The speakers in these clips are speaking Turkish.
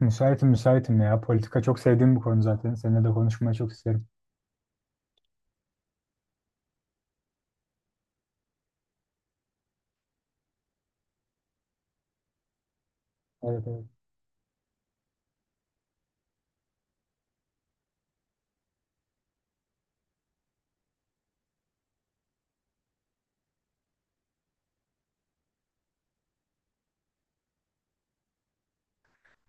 Müsaitim müsaitim ya. Politika çok sevdiğim bir konu zaten. Seninle de konuşmayı çok isterim. Evet, evet.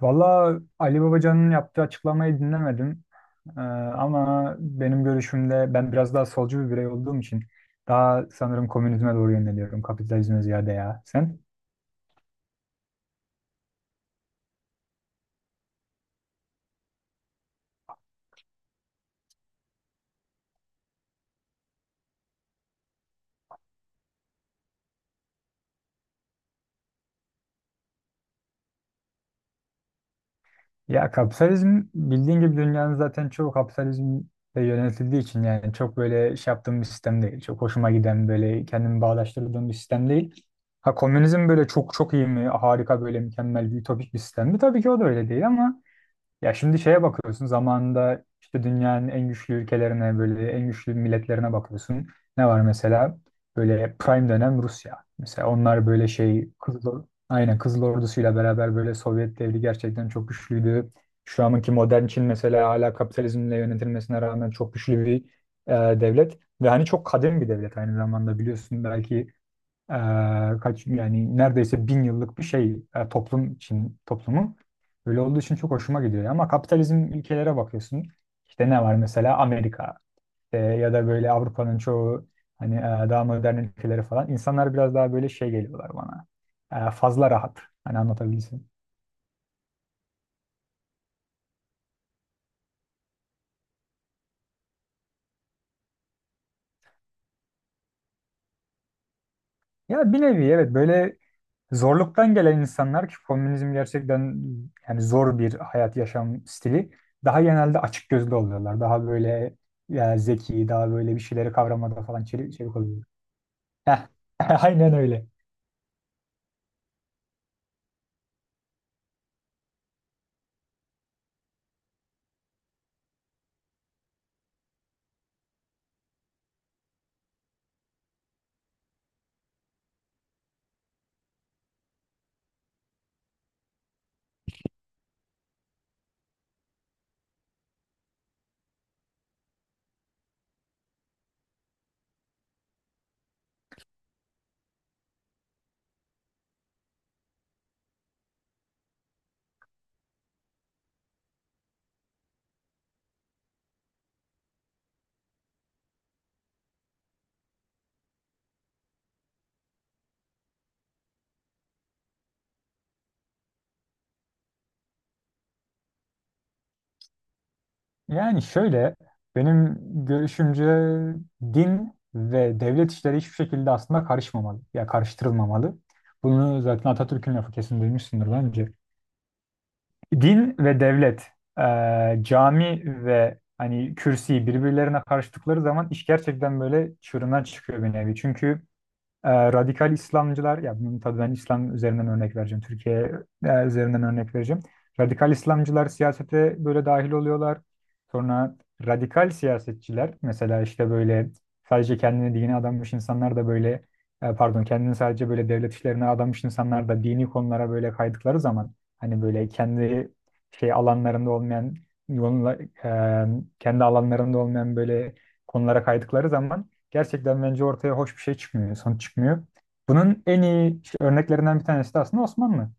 Valla Ali Babacan'ın yaptığı açıklamayı dinlemedim. Ee, Ama benim görüşümde ben biraz daha solcu bir birey olduğum için daha sanırım komünizme doğru yöneliyorum. Kapitalizme ziyade ya. Sen? Ya kapitalizm bildiğin gibi dünyanın zaten çoğu kapitalizmle yönetildiği için yani çok böyle şey yaptığım bir sistem değil. Çok hoşuma giden böyle kendimi bağdaştırdığım bir sistem değil. Ha, komünizm böyle çok çok iyi mi? Harika böyle mükemmel bir ütopik bir sistem mi? Tabii ki o da öyle değil ama ya şimdi şeye bakıyorsun zamanında işte dünyanın en güçlü ülkelerine böyle en güçlü milletlerine bakıyorsun. Ne var mesela? Böyle prime dönem Rusya. Mesela onlar böyle şey Kızıl, aynen Kızıl Ordusu'yla beraber böyle Sovyet devri gerçekten çok güçlüydü. Şu anki modern Çin mesela hala kapitalizmle yönetilmesine rağmen çok güçlü bir devlet. Ve hani çok kadim bir devlet aynı zamanda biliyorsun belki e, kaç yani neredeyse bin yıllık bir şey toplum için toplumu. Öyle olduğu için çok hoşuma gidiyor. Ama kapitalizm ülkelere bakıyorsun. İşte ne var mesela Amerika ya da böyle Avrupa'nın çoğu hani daha modern ülkeleri falan. İnsanlar biraz daha böyle şey geliyorlar bana. Fazla rahat. Hani anlatabilsin. Ya bir nevi evet böyle zorluktan gelen insanlar ki komünizm gerçekten yani zor bir hayat yaşam stili daha genelde açık gözlü oluyorlar. Daha böyle ya zeki, daha böyle bir şeyleri kavramada falan çevik oluyor. Heh, aynen öyle. Yani şöyle benim görüşümce din ve devlet işleri hiçbir şekilde aslında karışmamalı. Ya karıştırılmamalı. Bunu zaten Atatürk'ün lafı kesin duymuşsundur bence. Din ve devlet, cami ve hani kürsi birbirlerine karıştıkları zaman iş gerçekten böyle çığırından çıkıyor bir nevi. Çünkü radikal İslamcılar, ya bunun tabii ben İslam üzerinden örnek vereceğim, Türkiye üzerinden örnek vereceğim. Radikal İslamcılar siyasete böyle dahil oluyorlar. Sonra radikal siyasetçiler, mesela işte böyle sadece kendini dine adamış insanlar da böyle, pardon kendini sadece böyle devlet işlerine adamış insanlar da dini konulara böyle kaydıkları zaman, hani böyle kendi şey alanlarında olmayan, yolunla- e, kendi alanlarında olmayan böyle konulara kaydıkları zaman gerçekten bence ortaya hoş bir şey çıkmıyor, sonuç çıkmıyor. Bunun en iyi işte örneklerinden bir tanesi de aslında Osmanlı.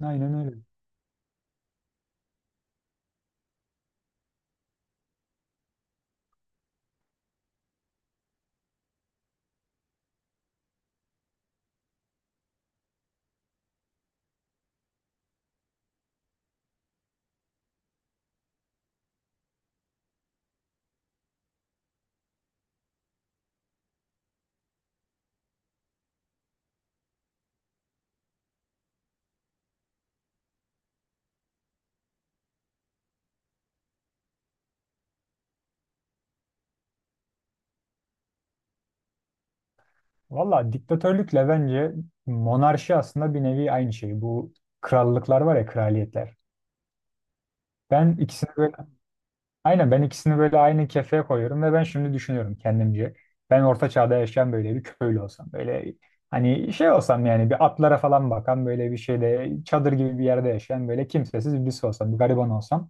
Aynen öyle. Valla diktatörlükle bence monarşi aslında bir nevi aynı şey. Bu krallıklar var ya, kraliyetler. Ben ikisini böyle aynen Ben ikisini böyle aynı kefeye koyuyorum ve ben şimdi düşünüyorum kendimce. Ben orta çağda yaşayan böyle bir köylü olsam, böyle hani şey olsam, yani bir atlara falan bakan böyle bir şeyde çadır gibi bir yerde yaşayan böyle kimsesiz birisi olsam, bir gariban olsam.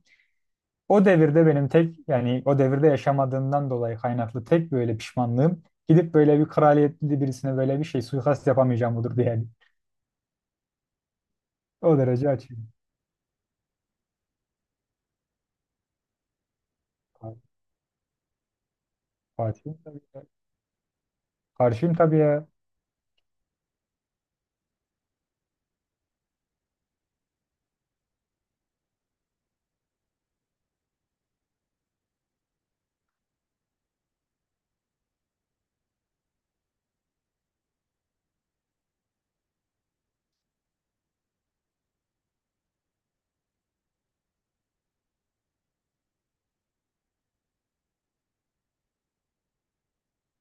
O devirde benim tek yani o devirde yaşamadığımdan dolayı kaynaklı tek böyle pişmanlığım gidip böyle bir kraliyetli birisine böyle bir şey suikast yapamayacağım budur diye. O derece açığım. Fatih'im tabii ya. Karşıyım tabii ya.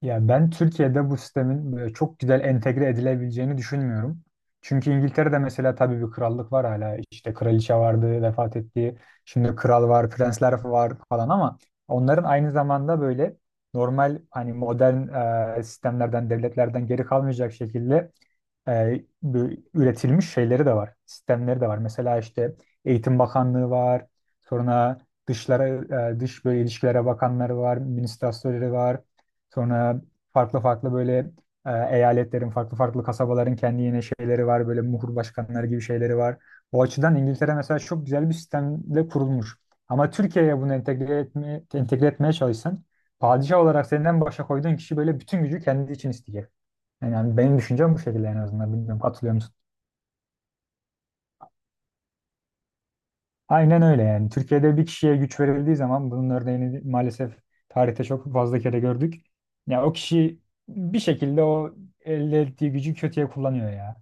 Ya ben Türkiye'de bu sistemin böyle çok güzel entegre edilebileceğini düşünmüyorum. Çünkü İngiltere'de mesela tabii bir krallık var hala. İşte kraliçe vardı, vefat etti. Şimdi kral var, prensler var falan ama onların aynı zamanda böyle normal hani modern sistemlerden, devletlerden geri kalmayacak şekilde bu üretilmiş şeyleri de var. Sistemleri de var. Mesela işte Eğitim Bakanlığı var. Sonra dışlara, dış böyle ilişkilere bakanları var, ministrasörleri var. Sonra farklı farklı böyle e, eyaletlerin, farklı farklı kasabaların kendi yine şeyleri var. Böyle muhur başkanları gibi şeyleri var. O açıdan İngiltere mesela çok güzel bir sistemle kurulmuş. Ama Türkiye'ye bunu entegre etmeye çalışsan padişah olarak senden başa koyduğun kişi böyle bütün gücü kendi için isteyecek. Yani benim düşüncem bu şekilde en azından. Bilmiyorum katılıyor aynen öyle yani. Türkiye'de bir kişiye güç verildiği zaman bunun örneğini maalesef tarihte çok fazla kere gördük. Ya o kişi bir şekilde o elde ettiği gücü kötüye kullanıyor ya.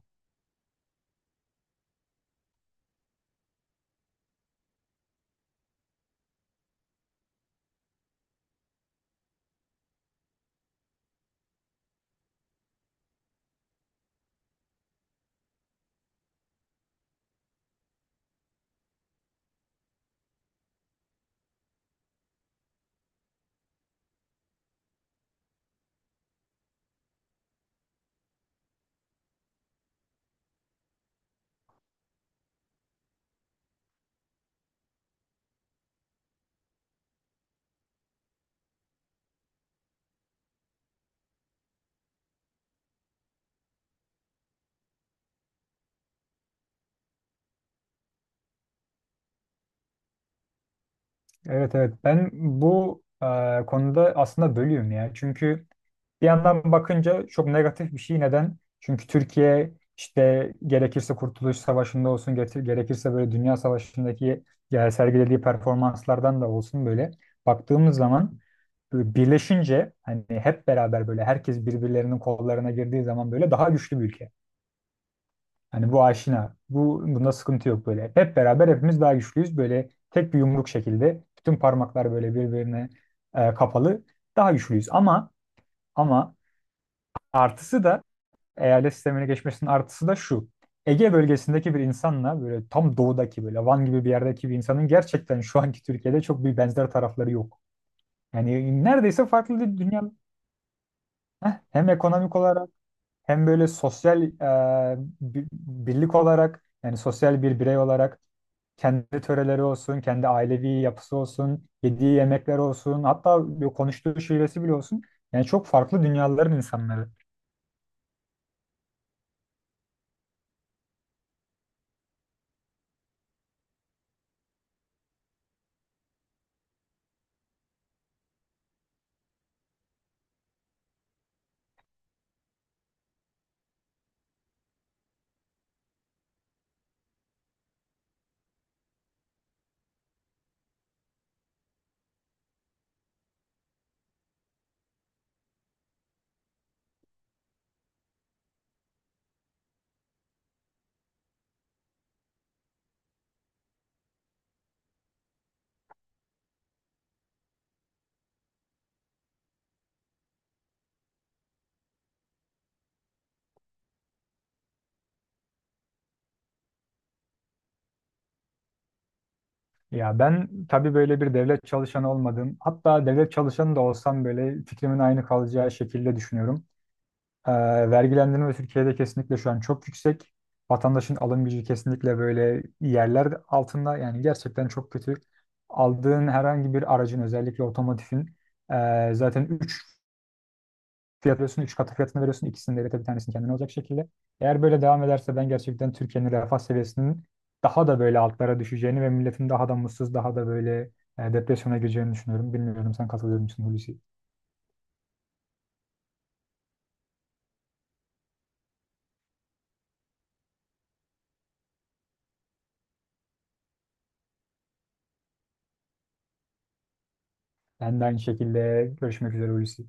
Evet, evet ben bu konuda aslında bölüyorum ya. Çünkü bir yandan bakınca çok negatif bir şey. Neden? Çünkü Türkiye işte gerekirse Kurtuluş Savaşı'nda olsun getir, gerekirse böyle Dünya Savaşı'ndaki ya sergilediği performanslardan da olsun böyle baktığımız zaman böyle birleşince hani hep beraber böyle herkes birbirlerinin kollarına girdiği zaman böyle daha güçlü bir ülke. Hani bu aşina. Bunda sıkıntı yok böyle. Hep beraber hepimiz daha güçlüyüz. Böyle tek bir yumruk şekilde. Bütün parmaklar böyle birbirine kapalı. Daha güçlüyüz. Ama artısı da eyalet sistemine geçmesinin artısı da şu. Ege bölgesindeki bir insanla böyle tam doğudaki böyle Van gibi bir yerdeki bir insanın gerçekten şu anki Türkiye'de çok bir benzer tarafları yok. Yani neredeyse farklı bir dünya. Heh, hem ekonomik olarak hem böyle sosyal birlik olarak yani sosyal bir birey olarak kendi töreleri olsun, kendi ailevi yapısı olsun, yediği yemekler olsun, hatta bir konuştuğu şivesi bile olsun. Yani çok farklı dünyaların insanları. Ya ben tabii böyle bir devlet çalışanı olmadım. Hatta devlet çalışanı da olsam böyle fikrimin aynı kalacağı şekilde düşünüyorum. Ee, Vergilendirme Türkiye'de kesinlikle şu an çok yüksek. Vatandaşın alım gücü kesinlikle böyle yerler altında. Yani gerçekten çok kötü. Aldığın herhangi bir aracın özellikle otomotivin zaten 3 katı fiyatını veriyorsun. İkisini de bir tanesini kendine olacak şekilde. Eğer böyle devam ederse ben gerçekten Türkiye'nin refah seviyesinin daha da böyle altlara düşeceğini ve milletin daha da mutsuz, daha da böyle depresyona gireceğini düşünüyorum. Bilmiyorum sen katılıyor musun, Hulusi? Ben de aynı şekilde görüşmek üzere, Hulusi.